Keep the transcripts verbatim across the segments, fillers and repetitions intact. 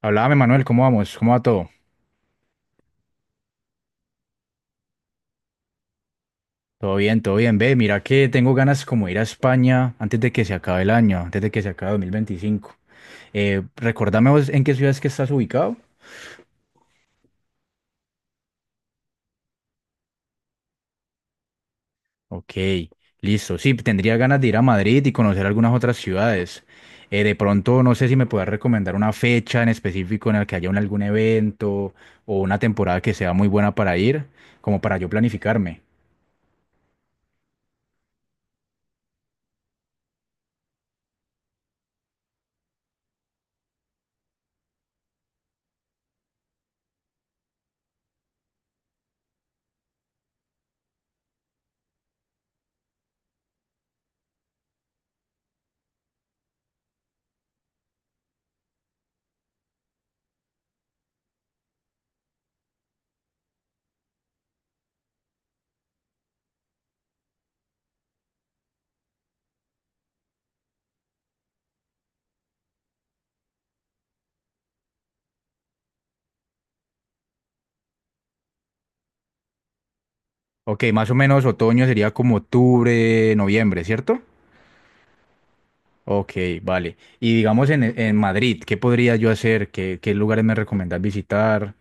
Háblame, Manuel, ¿cómo vamos? ¿Cómo va todo? Todo bien, todo bien. Ve, mira que tengo ganas como de ir a España antes de que se acabe el año, antes de que se acabe dos mil veinticinco. Eh, recordame vos en qué ciudad es que estás ubicado. Ok, listo. Sí, tendría ganas de ir a Madrid y conocer algunas otras ciudades. Eh, de pronto, no sé si me puedas recomendar una fecha en específico en la que haya un- algún evento o una temporada que sea muy buena para ir, como para yo planificarme. Ok, más o menos otoño sería como octubre, noviembre, ¿cierto? Ok, vale. Y digamos en, en Madrid, ¿qué podría yo hacer? ¿Qué, qué lugares me recomendás visitar?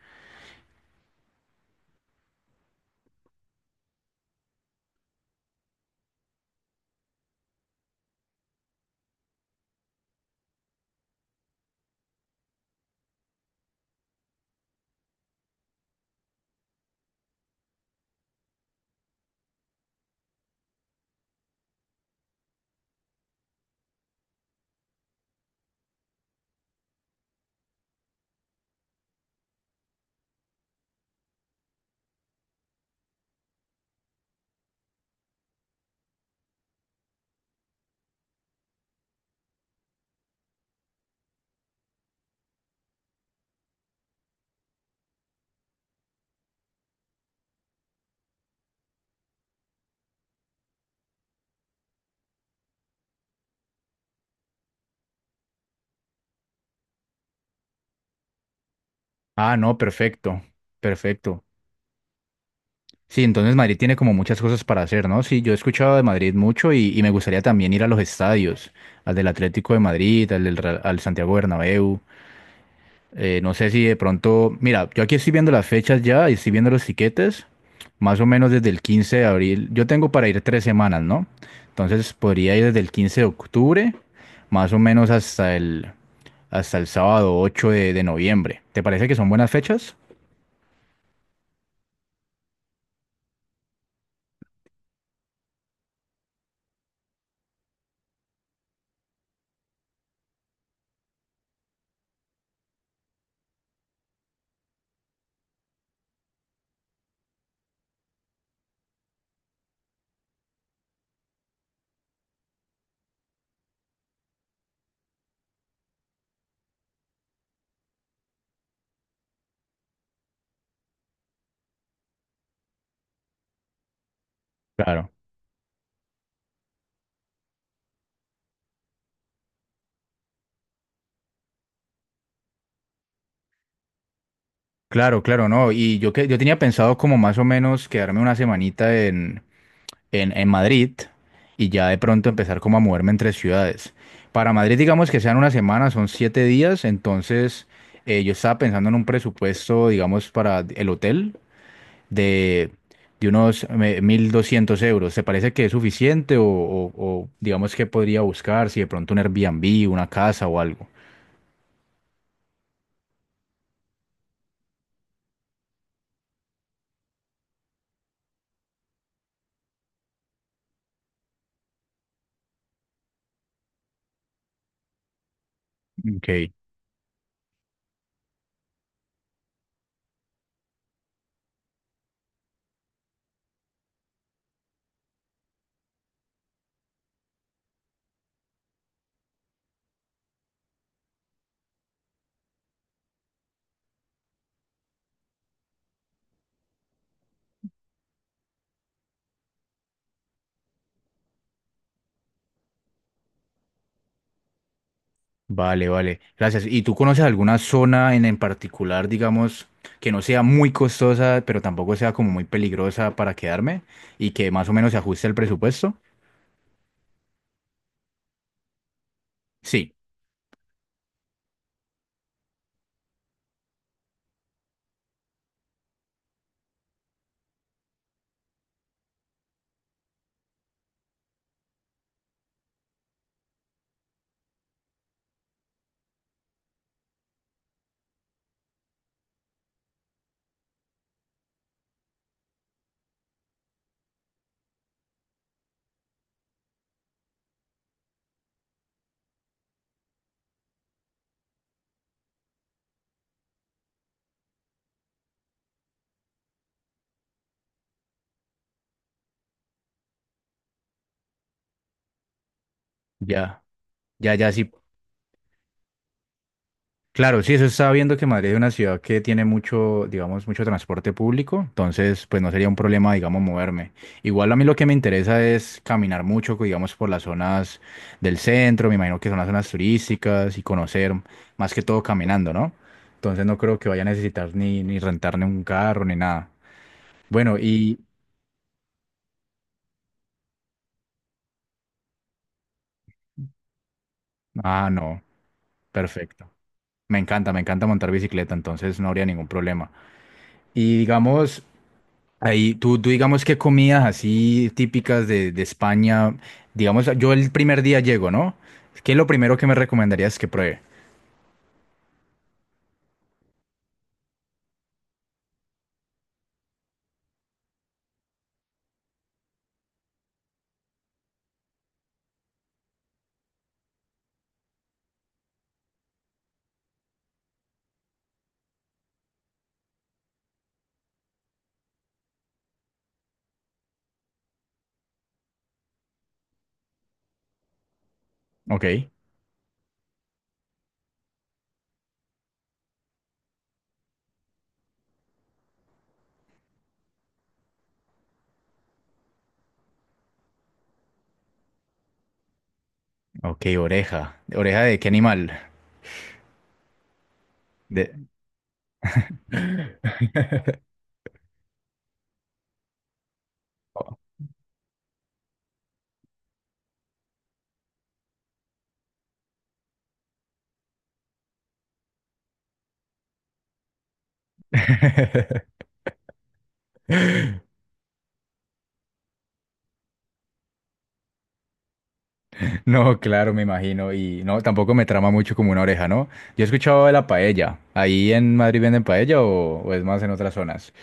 Ah, no, perfecto, perfecto. Sí, entonces Madrid tiene como muchas cosas para hacer, ¿no? Sí, yo he escuchado de Madrid mucho y, y me gustaría también ir a los estadios, al del Atlético de Madrid, al del Real- al Santiago Bernabéu. Eh, no sé si de pronto, mira, yo aquí estoy viendo las fechas ya y estoy viendo los tiquetes, más o menos desde el quince de abril. Yo tengo para ir tres semanas, ¿no? Entonces podría ir desde el quince de octubre, más o menos hasta el, hasta el sábado ocho de, de noviembre. ¿Te parece que son buenas fechas? Claro. Claro, claro, no. Y yo que yo tenía pensado como más o menos quedarme una semanita en, en, en Madrid y ya de pronto empezar como a moverme entre ciudades. Para Madrid, digamos que sean una semana, son siete días, entonces eh, yo estaba pensando en un presupuesto, digamos, para el hotel de, de unos eh, mil doscientos euros. ¿Te parece que es suficiente o, o- o digamos que podría buscar si de pronto un Airbnb, una casa o algo? Ok. Vale, vale. Gracias. ¿Y tú conoces alguna zona en, en particular, digamos, que no sea muy costosa, pero tampoco sea como muy peligrosa para quedarme y que más o menos se ajuste el presupuesto? Sí, ya, ya, ya sí. Claro, sí, eso estaba viendo que Madrid es una ciudad que tiene mucho, digamos, mucho transporte público, entonces pues no sería un problema, digamos, moverme. Igual a mí lo que me interesa es caminar mucho, digamos, por las zonas del centro, me imagino que son las zonas turísticas y conocer más que todo caminando, ¿no? Entonces no creo que vaya a necesitar ni, ni rentarme un carro ni nada. Bueno, y... Ah, no, perfecto. Me encanta, me encanta montar bicicleta, entonces no habría ningún problema. Y digamos, ahí, tú, tú digamos qué comidas así típicas de, de España, digamos, yo el primer día llego, ¿no? ¿Qué es lo primero que me recomendarías que pruebe? Ok, ok, oreja. ¿Oreja de qué animal? De... No, claro, me imagino. Y no, tampoco me trama mucho como una oreja, ¿no? Yo he escuchado de la paella. ¿Ahí en Madrid venden paella o, o es más en otras zonas?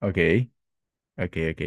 Ok, ok, ok.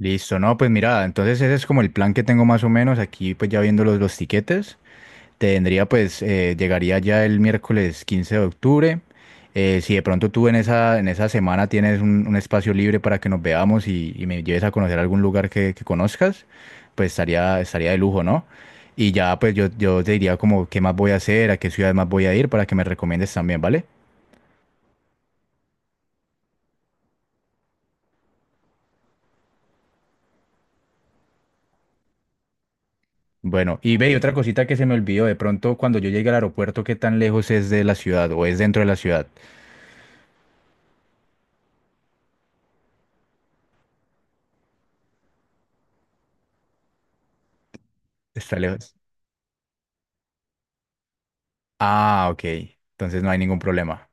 Listo, no, pues mira, entonces ese es como el plan que tengo más o menos aquí, pues ya viendo los, los tiquetes, tendría pues, eh, llegaría ya el miércoles quince de octubre, eh, si de pronto tú en esa, en esa semana tienes un, un espacio libre para que nos veamos y, y me lleves a conocer algún lugar que, que conozcas, pues estaría, estaría de lujo, ¿no? Y ya pues yo, yo te diría como qué más voy a hacer, a qué ciudad más voy a ir para que me recomiendes también, ¿vale? Bueno, y ve, y otra cosita que se me olvidó, de pronto cuando yo llegue al aeropuerto, ¿qué tan lejos es de la ciudad o es dentro de la ciudad? Está lejos. Ah, ok. Entonces no hay ningún problema.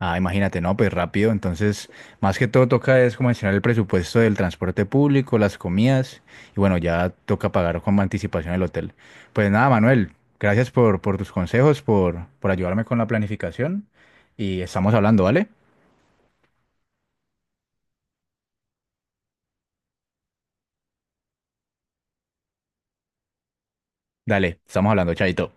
Ah, imagínate, no, pues rápido. Entonces, más que todo toca es como mencionar el presupuesto del transporte público, las comidas y bueno, ya toca pagar con anticipación el hotel. Pues nada, Manuel, gracias por, por tus consejos, por, por ayudarme con la planificación y estamos hablando, ¿vale? Dale, estamos hablando, chaito.